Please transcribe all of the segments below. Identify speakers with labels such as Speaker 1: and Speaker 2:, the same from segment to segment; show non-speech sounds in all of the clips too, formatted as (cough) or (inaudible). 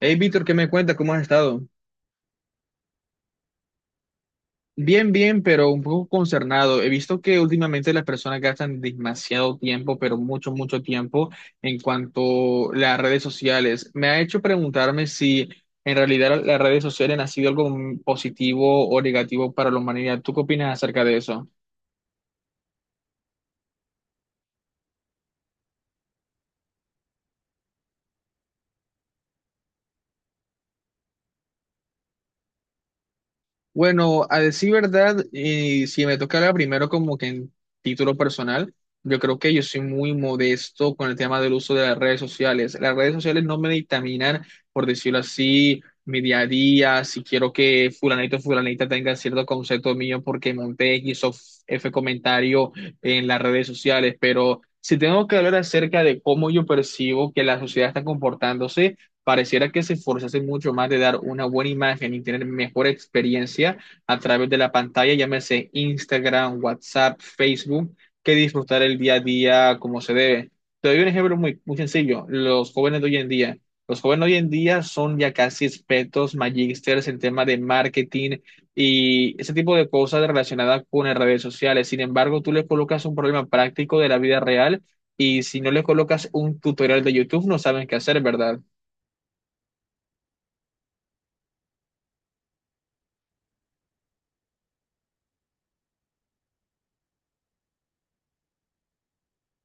Speaker 1: Hey, Víctor, ¿qué me cuentas? ¿Cómo has estado? Bien, bien, pero un poco concernado. He visto que últimamente las personas gastan demasiado tiempo, pero mucho, mucho tiempo en cuanto a las redes sociales. Me ha hecho preguntarme si en realidad las redes sociales han sido algo positivo o negativo para la humanidad. ¿Tú qué opinas acerca de eso? Bueno, a decir verdad, y si me tocara primero como que en título personal, yo creo que yo soy muy modesto con el tema del uso de las redes sociales. Las redes sociales no me dictaminan, por decirlo así, mi día a día, si quiero que fulanito o fulanita tenga cierto concepto mío porque monté X o F comentario en las redes sociales, pero si tengo que hablar acerca de cómo yo percibo que la sociedad está comportándose, pareciera que se esforzase mucho más de dar una buena imagen y tener mejor experiencia a través de la pantalla, llámese Instagram, WhatsApp, Facebook, que disfrutar el día a día como se debe. Te doy un ejemplo muy, muy sencillo, los jóvenes de hoy en día. Los jóvenes de hoy en día son ya casi expertos, magísteres en tema de marketing y ese tipo de cosas relacionadas con las redes sociales. Sin embargo, tú les colocas un problema práctico de la vida real y si no les colocas un tutorial de YouTube, no saben qué hacer, ¿verdad?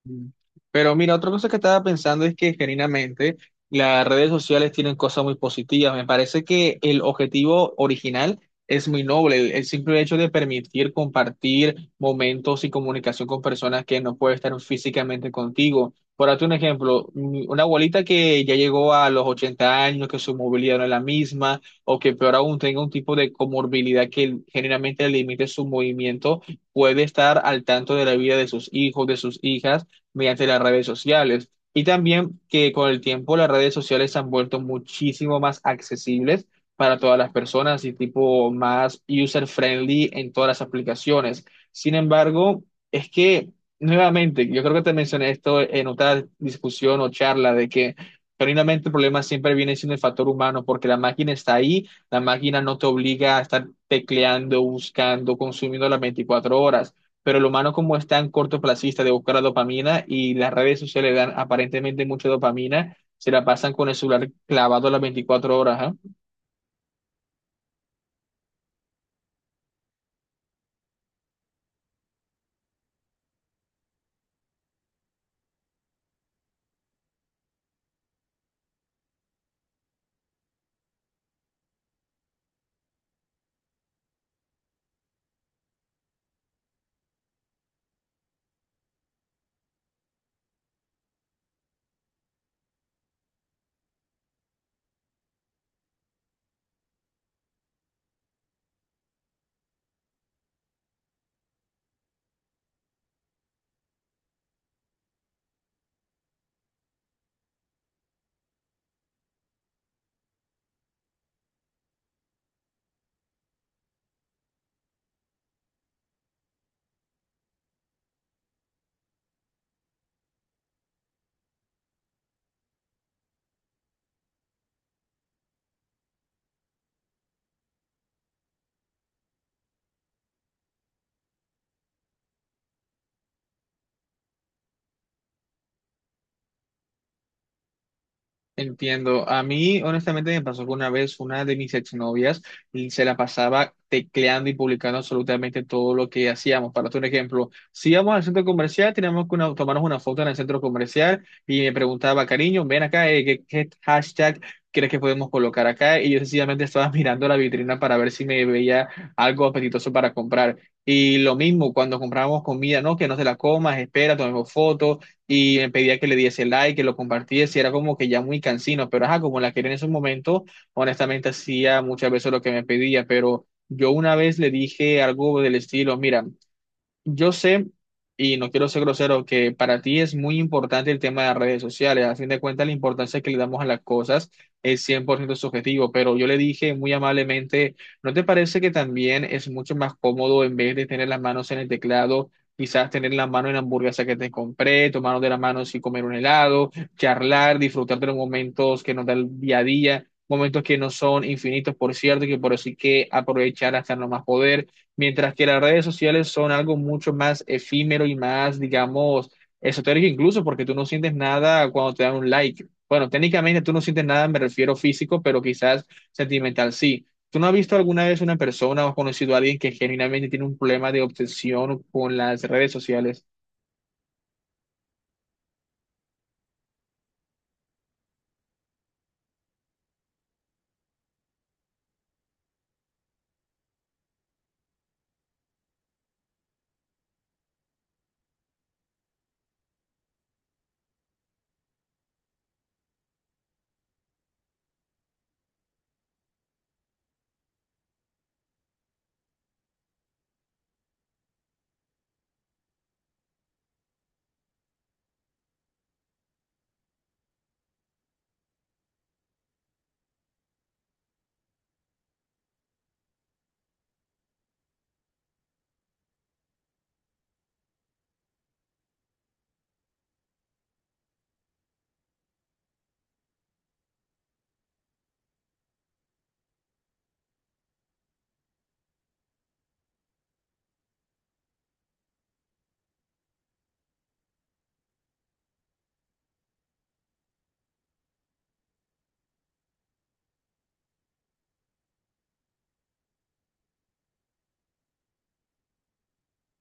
Speaker 1: Mm. Pero mira, otra cosa que estaba pensando es que genuinamente las redes sociales tienen cosas muy positivas. Me parece que el objetivo original es muy noble, el simple hecho de permitir compartir momentos y comunicación con personas que no pueden estar físicamente contigo. Por darte un ejemplo, una abuelita que ya llegó a los 80 años, que su movilidad no es la misma, o que peor aún tenga un tipo de comorbilidad que generalmente limite su movimiento, puede estar al tanto de la vida de sus hijos, de sus hijas mediante las redes sociales. Y también que con el tiempo las redes sociales se han vuelto muchísimo más accesibles para todas las personas y tipo más user-friendly en todas las aplicaciones. Sin embargo, es que, nuevamente, yo creo que te mencioné esto en otra discusión o charla de que genuinamente el problema siempre viene siendo el factor humano porque la máquina está ahí, la máquina no te obliga a estar tecleando, buscando, consumiendo las 24 horas pero el humano como es tan cortoplacista de buscar la dopamina y las redes sociales dan aparentemente mucha dopamina, se la pasan con el celular clavado las 24 horas, ¿ah? Entiendo. A mí, honestamente, me pasó que una vez una de mis exnovias y se la pasaba tecleando y publicando absolutamente todo lo que hacíamos. Para un ejemplo, si íbamos al centro comercial, teníamos que tomarnos una foto en el centro comercial y me preguntaba, cariño, ven acá, ¿qué hashtag crees que podemos colocar acá? Y yo sencillamente estaba (laughs) mirando la vitrina para ver si me veía algo apetitoso para comprar. Y lo mismo cuando comprábamos comida, ¿no? Que no te la comas, espera, tomemos fotos y me pedía que le diese like, que lo compartiese, y era como que ya muy cansino, pero ajá, como la quería en esos momentos, honestamente hacía muchas veces lo que me pedía, pero yo una vez le dije algo del estilo, mira, yo sé, y no quiero ser grosero, que para ti es muy importante el tema de las redes sociales. A fin de cuentas, la importancia que le damos a las cosas es 100% subjetivo, pero yo le dije muy amablemente, ¿no te parece que también es mucho más cómodo en vez de tener las manos en el teclado, quizás tener la mano en la hamburguesa que te compré, tomar de la mano y comer un helado, charlar, disfrutar de los momentos que nos da el día a día? Momentos que no son infinitos, por cierto, y que por eso hay que aprovechar hasta no más poder mientras que las redes sociales son algo mucho más efímero y más, digamos, esotérico incluso, porque tú no sientes nada cuando te dan un like. Bueno, técnicamente tú no sientes nada, me refiero físico, pero quizás sentimental sí. ¿Tú no has visto alguna vez una persona o has conocido a alguien que genuinamente tiene un problema de obsesión con las redes sociales?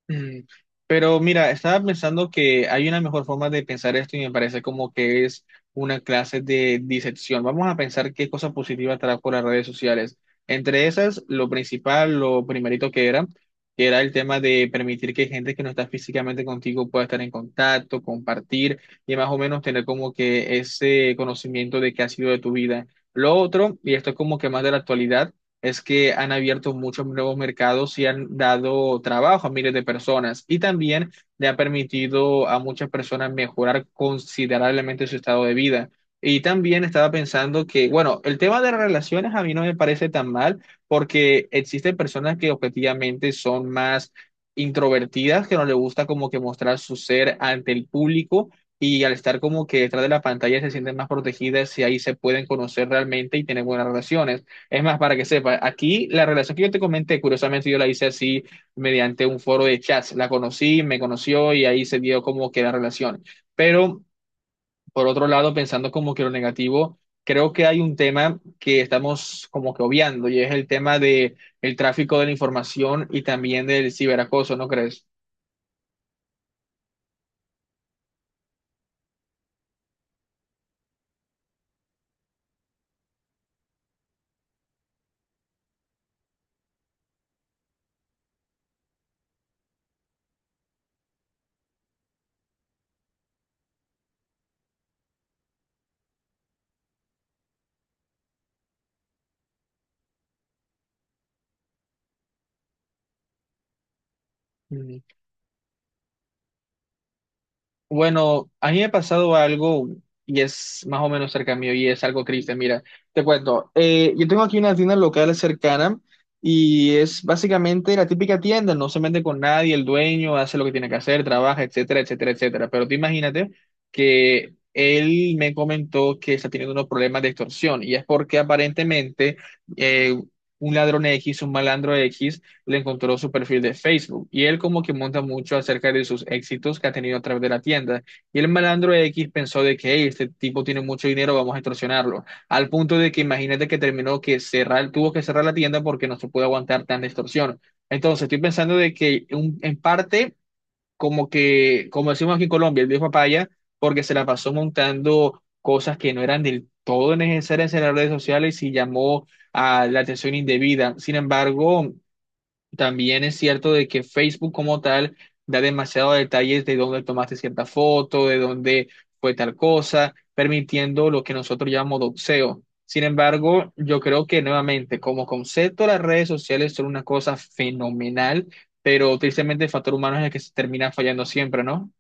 Speaker 1: Mm, Pero mira, estaba pensando que hay una mejor forma de pensar esto y me parece como que es una clase de disección. Vamos a pensar qué cosas positivas trajo las redes sociales. Entre esas, lo principal, lo primerito que era el tema de permitir que gente que no está físicamente contigo pueda estar en contacto, compartir y más o menos tener como que ese conocimiento de qué ha sido de tu vida. Lo otro, y esto es como que más de la actualidad es que han abierto muchos nuevos mercados y han dado trabajo a miles de personas y también le ha permitido a muchas personas mejorar considerablemente su estado de vida. Y también estaba pensando que, bueno, el tema de relaciones a mí no me parece tan mal porque existen personas que objetivamente son más introvertidas, que no les gusta como que mostrar su ser ante el público. Y al estar como que detrás de la pantalla se sienten más protegidas y ahí se pueden conocer realmente y tener buenas relaciones. Es más, para que sepa, aquí la relación que yo te comenté, curiosamente yo la hice así mediante un foro de chats. La conocí, me conoció y ahí se dio como que la relación. Pero por otro lado, pensando como que lo negativo, creo que hay un tema que estamos como que obviando y es el tema de el tráfico de la información y también del ciberacoso, ¿no crees? Bueno, a mí me ha pasado algo y es más o menos cerca mío y es algo triste. Mira, te cuento. Yo tengo aquí una tienda local cercana y es básicamente la típica tienda, no se mete con nadie, el dueño hace lo que tiene que hacer, trabaja, etcétera, etcétera, etcétera. Pero tú imagínate que él me comentó que está teniendo unos problemas de extorsión y es porque aparentemente eh, un ladrón X, un malandro X, le encontró su perfil de Facebook y él como que monta mucho acerca de sus éxitos que ha tenido a través de la tienda. Y el malandro X pensó de que: "Hey, este tipo tiene mucho dinero, vamos a extorsionarlo". Al punto de que imagínate que terminó que cerrar, tuvo que cerrar la tienda porque no se puede aguantar tanta extorsión. Entonces estoy pensando de que en parte como que, como decimos aquí en Colombia, el viejo papaya, porque se la pasó montando cosas que no eran del todo necesarias en las redes sociales y llamó a la atención indebida. Sin embargo, también es cierto de que Facebook como tal da demasiados detalles de dónde tomaste cierta foto, de dónde fue tal cosa, permitiendo lo que nosotros llamamos doxeo. Sin embargo, yo creo que nuevamente, como concepto, las redes sociales son una cosa fenomenal, pero tristemente el factor humano es el que se termina fallando siempre, ¿no?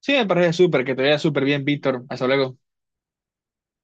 Speaker 1: Sí, me parece súper, que te vaya súper bien, Víctor. Hasta luego.